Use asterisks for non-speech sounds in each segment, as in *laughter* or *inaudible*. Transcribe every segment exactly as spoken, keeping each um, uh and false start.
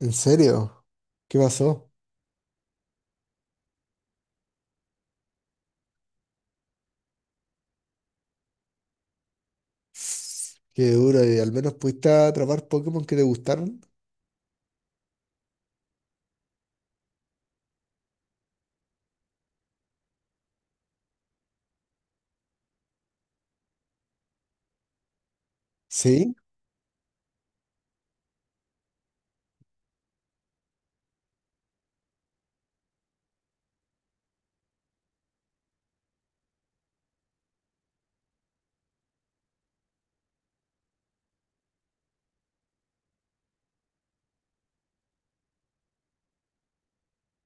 ¿En serio? ¿Qué pasó? Qué duro, y al menos pudiste atrapar Pokémon que te gustaron. Sí,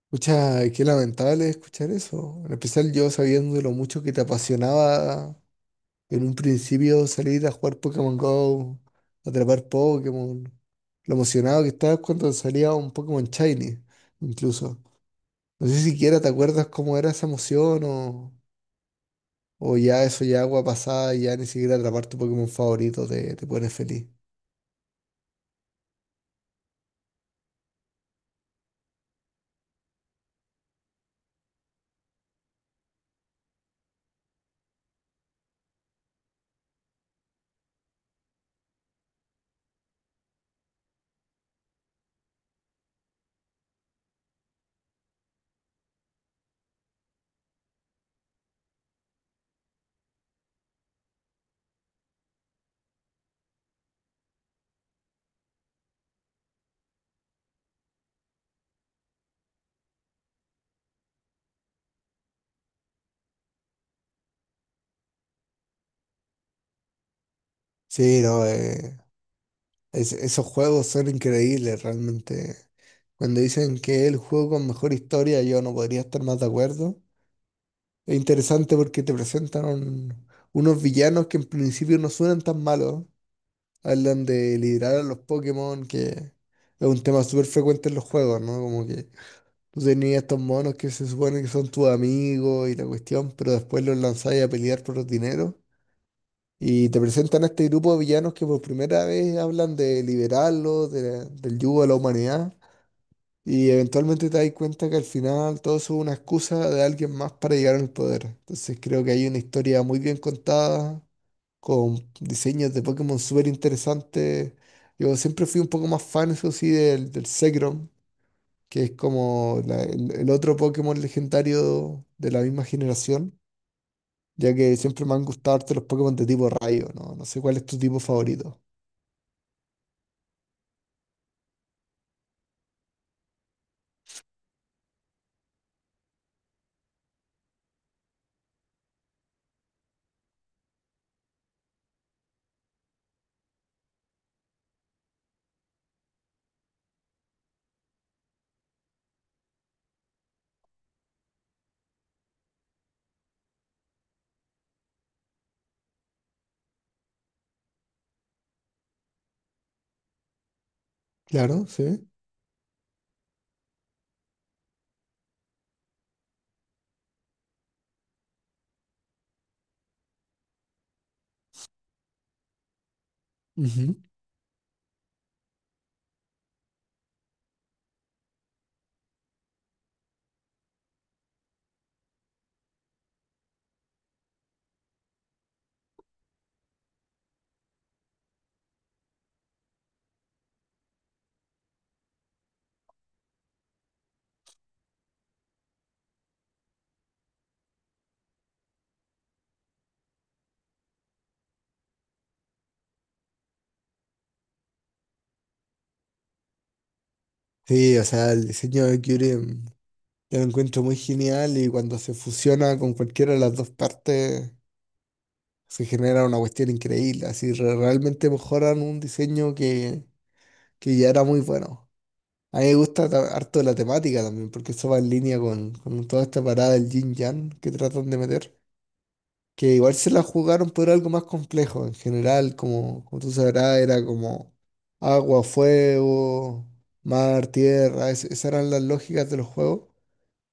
escucha, qué lamentable escuchar eso. En especial yo sabiendo lo mucho que te apasionaba en un principio salir a jugar Pokémon Go, atrapar Pokémon, lo emocionado que estabas cuando salía un Pokémon Shiny, incluso. No sé siquiera te acuerdas cómo era esa emoción o, o ya eso ya agua pasada, y ya ni siquiera atrapar tu Pokémon favorito te, te pone feliz. Sí, no, eh, es- esos juegos son increíbles realmente. Cuando dicen que es el juego con mejor historia, yo no podría estar más de acuerdo. Es interesante porque te presentan un- unos villanos que en principio no suenan tan malos. Hablan de liderar a los Pokémon, que es un tema súper frecuente en los juegos, ¿no? Como que tú tenías estos monos que se supone que son tus amigos y la cuestión, pero después los lanzáis a pelear por los dineros. Y te presentan a este grupo de villanos que por primera vez hablan de liberarlo, de- del yugo de la humanidad. Y eventualmente te das cuenta que al final todo eso es una excusa de alguien más para llegar al poder. Entonces creo que hay una historia muy bien contada, con diseños de Pokémon súper interesantes. Yo siempre fui un poco más fan, eso sí, del, del Zekrom, que es como la- el, el otro Pokémon legendario de la misma generación, ya que siempre me han gustado harto los Pokémon de tipo rayo, ¿no? No sé cuál es tu tipo favorito. Claro, sí. Ujú. Sí, o sea, el diseño de Curie mm, yo lo encuentro muy genial, y cuando se fusiona con cualquiera de las dos partes se genera una cuestión increíble. Así re- realmente mejoran un diseño que, que ya era muy bueno. A mí me gusta ta- harto la temática también, porque eso va en línea con, con toda esta parada del yin yang que tratan de meter, que igual se la jugaron por algo más complejo. En general, como, como tú sabrás, era como agua, fuego, mar, tierra. Es- esas eran las lógicas de los juegos.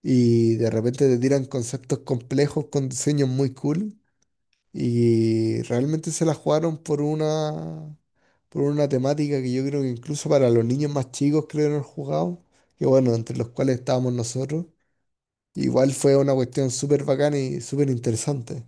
Y de repente te tiran conceptos complejos con diseños muy cool. Y realmente se la jugaron por una, por una temática que yo creo que incluso para los niños más chicos creo que no jugado. Que bueno, entre los cuales estábamos nosotros. Igual fue una cuestión súper bacana y súper interesante.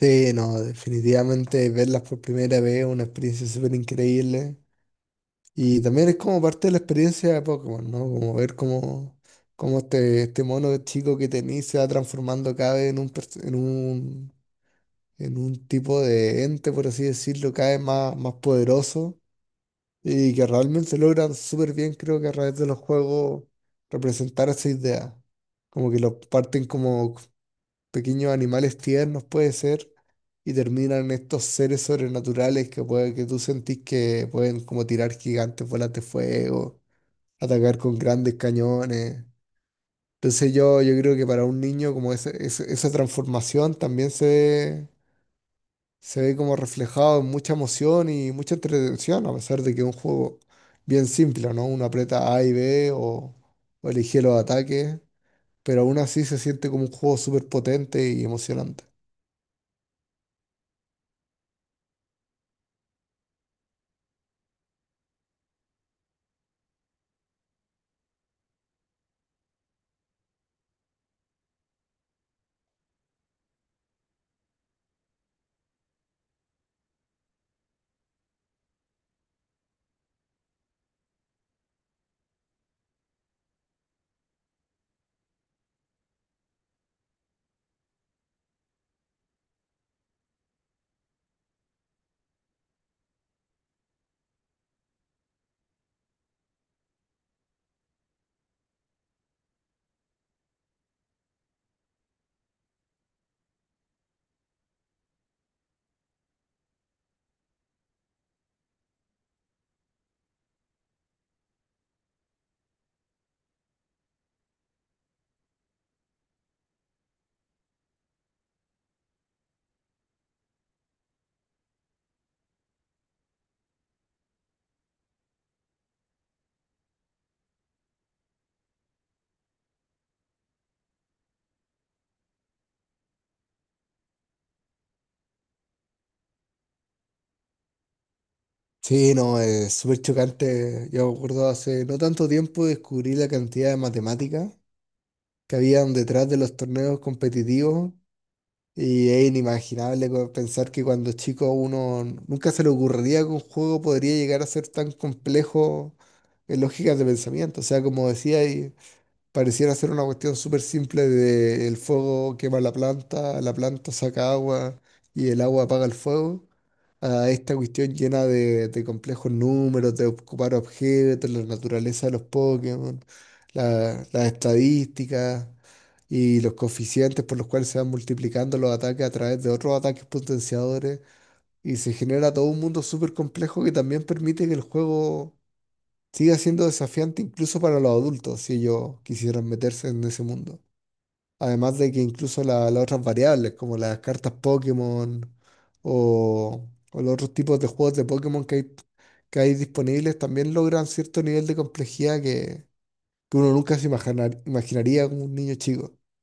Sí, no, definitivamente verlas por primera vez es una experiencia súper increíble. Y también es como parte de la experiencia de Pokémon, ¿no? Como ver cómo, cómo este, este mono chico que tenís se va transformando cada vez en un, pers- en un, en un tipo de ente, por así decirlo, cada vez más, más poderoso. Y que realmente logran súper bien, creo que a través de los juegos, representar esa idea. Como que lo parten como pequeños animales tiernos puede ser, y terminan estos seres sobrenaturales que puede que tú sentís que pueden como tirar gigantes bolas de fuego, atacar con grandes cañones. Entonces yo, yo creo que para un niño como ese- ese- esa transformación también se ve, se ve como reflejado en mucha emoción y mucha entretención, a pesar de que es un juego bien simple, ¿no? Uno aprieta A y B o, o elige los ataques, pero aún así se siente como un juego súper potente y emocionante. Sí, no, es súper chocante. Yo me acuerdo hace no tanto tiempo descubrí la cantidad de matemáticas que habían detrás de los torneos competitivos, y es inimaginable co- pensar que cuando chico uno nunca se le ocurriría que un juego podría llegar a ser tan complejo en lógicas de pensamiento. O sea, como decía, pareciera ser una cuestión súper simple de el fuego quema la planta, la planta saca agua y el agua apaga el fuego, a esta cuestión llena de, de complejos números, de ocupar objetos, la naturaleza de los Pokémon, la- las estadísticas y los coeficientes por los cuales se van multiplicando los ataques a través de otros ataques potenciadores, y se genera todo un mundo súper complejo que también permite que el juego sigue siendo desafiante incluso para los adultos si ellos quisieran meterse en ese mundo. Además de que incluso la- las otras variables, como las cartas Pokémon o, o los otros tipos de juegos de Pokémon que hay, que hay disponibles, también logran cierto nivel de complejidad que, que uno nunca se imaginar- imaginaría como un niño chico. *laughs*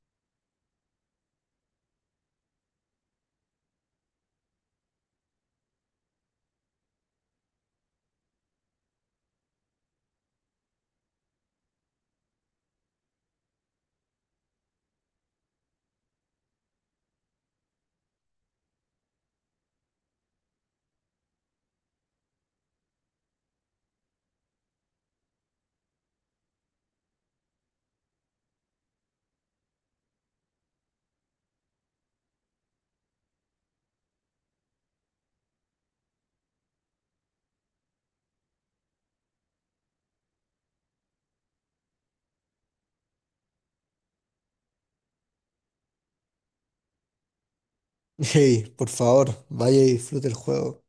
Hey, por favor, vaya y disfrute el juego.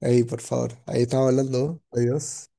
Hey, por favor, ahí estamos hablando. Adiós.